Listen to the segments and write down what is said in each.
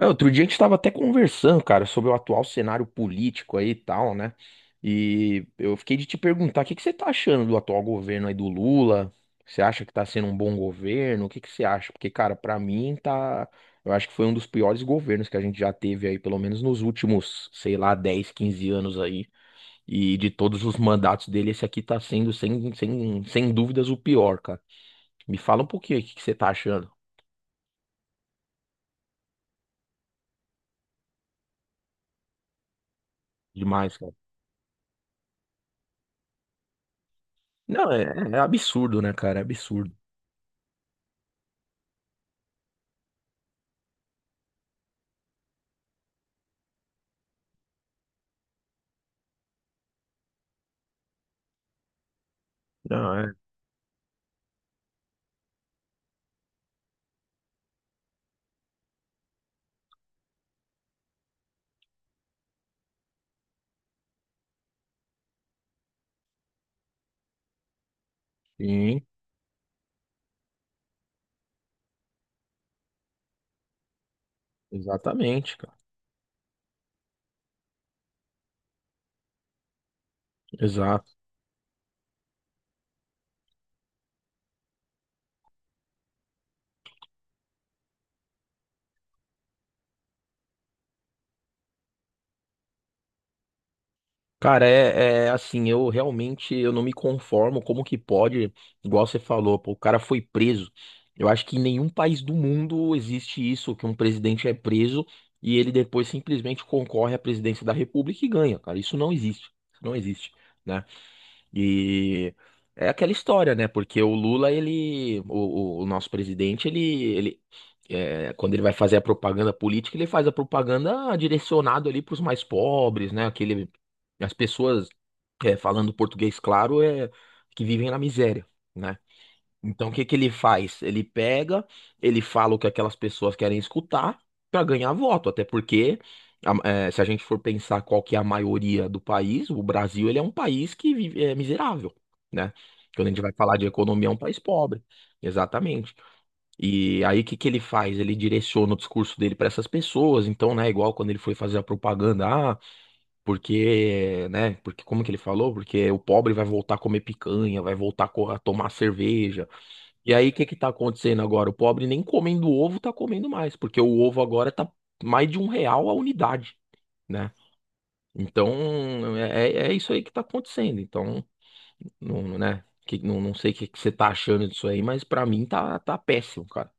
É, outro dia a gente estava até conversando, cara, sobre o atual cenário político aí e tal, né? E eu fiquei de te perguntar, o que que você tá achando do atual governo aí do Lula? Você acha que tá sendo um bom governo? O que que você acha? Porque, cara, pra mim tá, eu acho que foi um dos piores governos que a gente já teve aí, pelo menos nos últimos, sei lá, 10, 15 anos aí. E de todos os mandatos dele, esse aqui tá sendo sem dúvidas o pior, cara. Me fala um pouquinho aí, o que que você tá achando demais, cara. Não, é, é absurdo, né, cara? É absurdo. Não, é. Sim, exatamente, cara. Exato. Cara, é assim, eu realmente eu não me conformo como que pode, igual você falou, pô, o cara foi preso. Eu acho que em nenhum país do mundo existe isso, que um presidente é preso e ele depois simplesmente concorre à presidência da República e ganha, cara. Isso não existe. Isso não existe, né? E é aquela história, né? Porque o Lula, o nosso presidente, quando ele vai fazer a propaganda política, ele faz a propaganda direcionado ali para os mais pobres, né? As pessoas falando português claro, é que vivem na miséria. Né? Então, o que que ele faz? Ele pega, ele fala o que aquelas pessoas querem escutar para ganhar voto, até porque a- se a gente for pensar qual que é a maioria do país, o Brasil ele é um país que vive, é miserável, né? Quando a gente vai falar de economia, é um país pobre, exatamente. E aí o que que ele faz? Ele direciona o discurso dele para essas pessoas, então, né, igual quando ele foi fazer a propaganda, ah, porque, né, porque como que ele falou? Porque o pobre vai voltar a comer picanha, vai voltar a tomar cerveja. E aí, o que que tá acontecendo agora? O pobre nem comendo ovo tá comendo mais, porque o ovo agora tá mais de R$ 1 a unidade, né? Então, é isso aí que tá acontecendo. Então, né? Que, não sei o que que você tá achando disso aí, mas pra mim tá, tá péssimo, cara.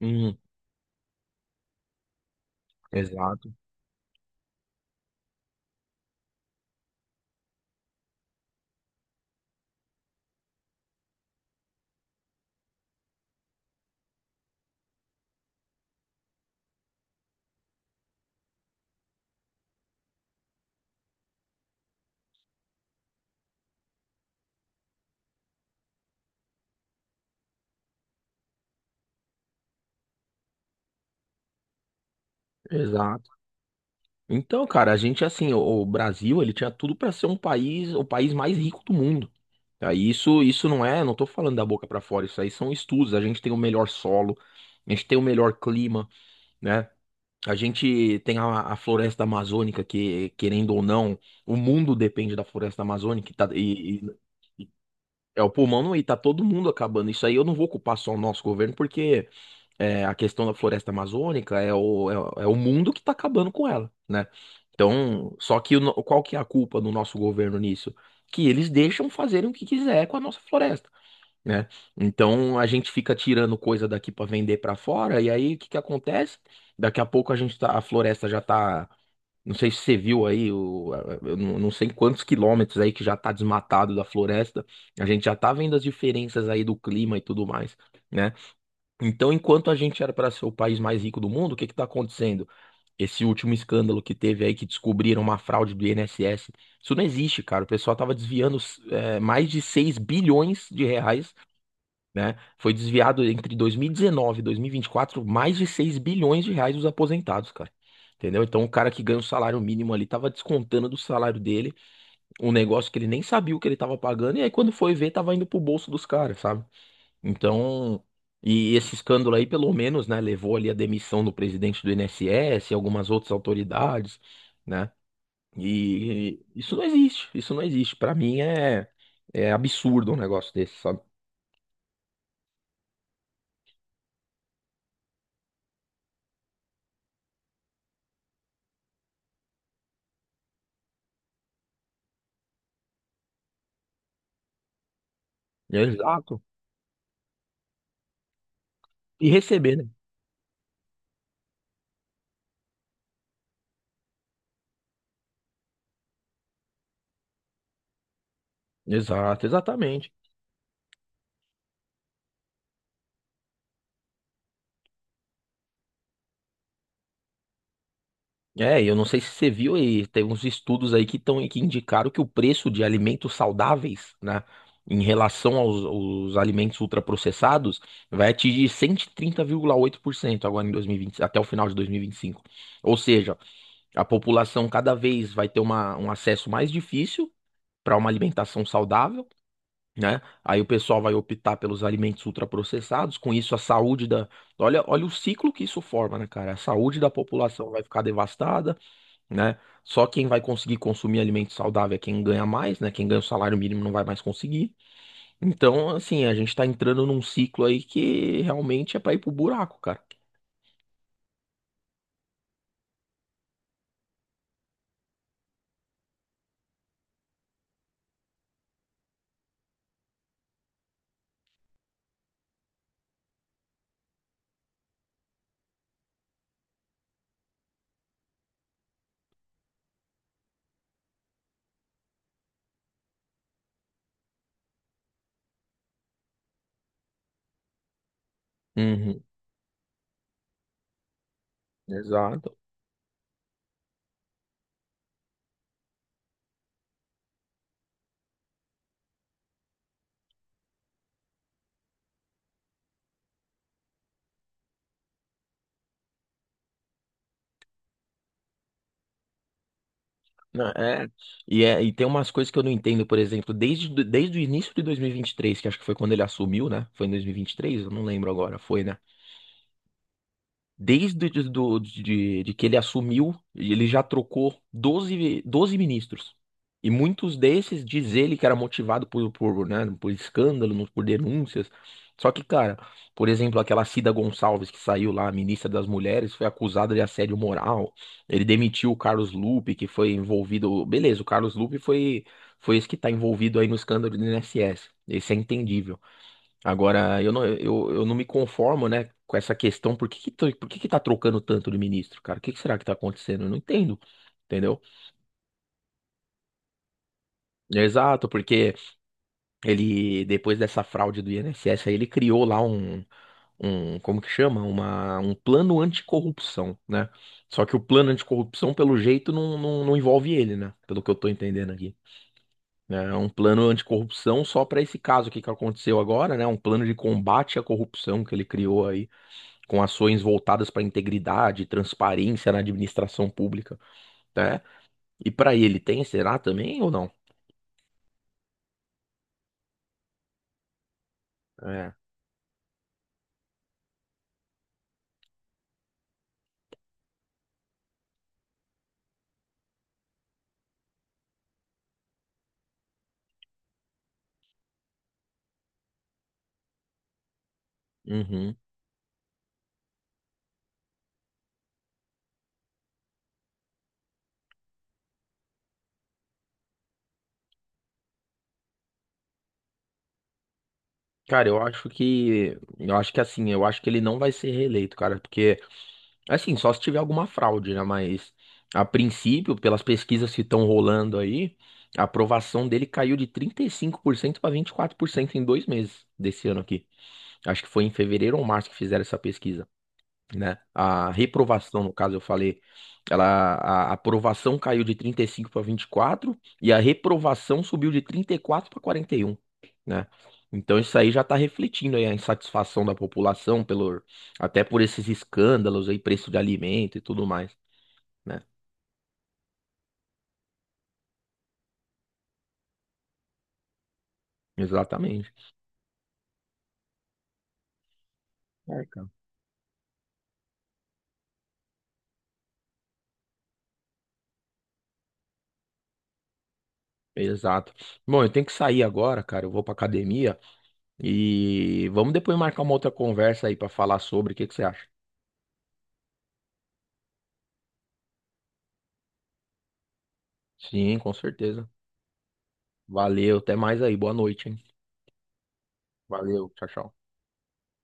Hum, exato, exato. Então, cara, a gente, assim, o Brasil, ele tinha tudo pra ser um país, o país mais rico do mundo. Tá? E isso não é, não tô falando da boca pra fora, isso aí são estudos. A gente tem o melhor solo, a gente tem o melhor clima. Né? A gente tem a, floresta amazônica que, querendo ou não, o mundo depende da floresta amazônica e, e é o pulmão e tá todo mundo acabando. Isso aí eu não vou culpar só o nosso governo, porque a questão da floresta amazônica é o mundo que tá acabando com ela, né? Então, só que o no- qual que é a culpa do nosso governo nisso? Que eles deixam fazerem o que quiser com a nossa floresta, né? Então a gente fica tirando coisa daqui para vender para fora, e aí o que que acontece? Daqui a pouco a gente tá, a floresta já tá, não sei se você viu aí, o, eu não sei quantos quilômetros aí que já tá desmatado da floresta. A gente já tá vendo as diferenças aí do clima e tudo mais, né? Então, enquanto a gente era para ser o país mais rico do mundo, o que que tá acontecendo? Esse último escândalo que teve aí que descobriram uma fraude do INSS. Isso não existe, cara. O pessoal tava desviando mais de 6 bilhões de reais, né? Foi desviado entre 2019 e 2024 mais de 6 bilhões de reais dos aposentados, cara. Entendeu? Então o cara que ganha o salário mínimo ali tava descontando do salário dele um negócio que ele nem sabia o que ele tava pagando, e aí quando foi ver, tava indo pro bolso dos caras, sabe? Então, e esse escândalo aí, pelo menos, né, levou ali a demissão do presidente do INSS e algumas outras autoridades, né? E isso não existe, isso não existe. Pra mim é absurdo um negócio desse, sabe? Exato. E receber, né? Exato, exatamente. É, e eu não sei se você viu aí, teve uns estudos aí que indicaram que o preço de alimentos saudáveis, né, em relação aos, alimentos ultraprocessados, vai atingir 130,8% agora em 2020 até o final de dois mil e vinte e cinco. Ou seja, a população cada vez vai ter um acesso mais difícil para uma alimentação saudável, né? Aí o pessoal vai optar pelos alimentos ultraprocessados, com isso a saúde da. Olha, olha o ciclo que isso forma, né, cara? A saúde da população vai ficar devastada, né? Só quem vai conseguir consumir alimento saudável é quem ganha mais, né? Quem ganha o salário mínimo não vai mais conseguir. Então, assim, a gente tá entrando num ciclo aí que realmente é pra ir pro buraco, cara. Uhum, exato. Não, é, e tem umas coisas que eu não entendo, por exemplo, desde o início de 2023, que acho que foi quando ele assumiu, né? Foi em 2023, eu não lembro agora, foi, né? Desde de, do- de que ele assumiu, ele já trocou 12 ministros. E muitos desses diz ele que era motivado por, né, por escândalos, por denúncias. Só que, cara, por exemplo, aquela Cida Gonçalves que saiu lá, ministra das Mulheres, foi acusada de assédio moral. Ele demitiu o Carlos Lupe, que foi envolvido. Beleza, o Carlos Lupe foi esse que está envolvido aí no escândalo do INSS. Esse é entendível. Agora, eu não, eu não me conformo, né, com essa questão. Por que que tá trocando tanto de ministro, cara? O que que será que tá acontecendo? Eu não entendo, entendeu? Exato, porque ele, depois dessa fraude do INSS, aí ele criou lá como que chama? Um plano anticorrupção, né? Só que o plano anticorrupção, pelo jeito, não, não, não envolve ele, né? Pelo que eu tô entendendo aqui. É um plano anticorrupção só para esse caso aqui que aconteceu agora, né? Um plano de combate à corrupção que ele criou com ações voltadas para integridade e transparência na administração pública, né? E para ele tem, será também ou não? É. Uhum. Cara, eu acho que ele não vai ser reeleito, cara, porque assim, só se tiver alguma fraude, né? Mas a princípio, pelas pesquisas que estão rolando aí, a aprovação dele caiu de 35% para 24% em 2 meses desse ano aqui. Acho que foi em fevereiro ou março que fizeram essa pesquisa. Né? A reprovação, no caso, eu falei, ela, a aprovação caiu de 35 para 24 e a reprovação subiu de 34 para 41, né? Então isso aí já está refletindo aí a insatisfação da população pelo até por esses escândalos aí, preço de alimento e tudo mais, né? Exatamente. É, cara. Exato. Bom, eu tenho que sair agora, cara. Eu vou pra academia e vamos depois marcar uma outra conversa aí para falar sobre o que que você acha. Sim, com certeza. Valeu, até mais aí. Boa noite, hein? Valeu, tchau, tchau.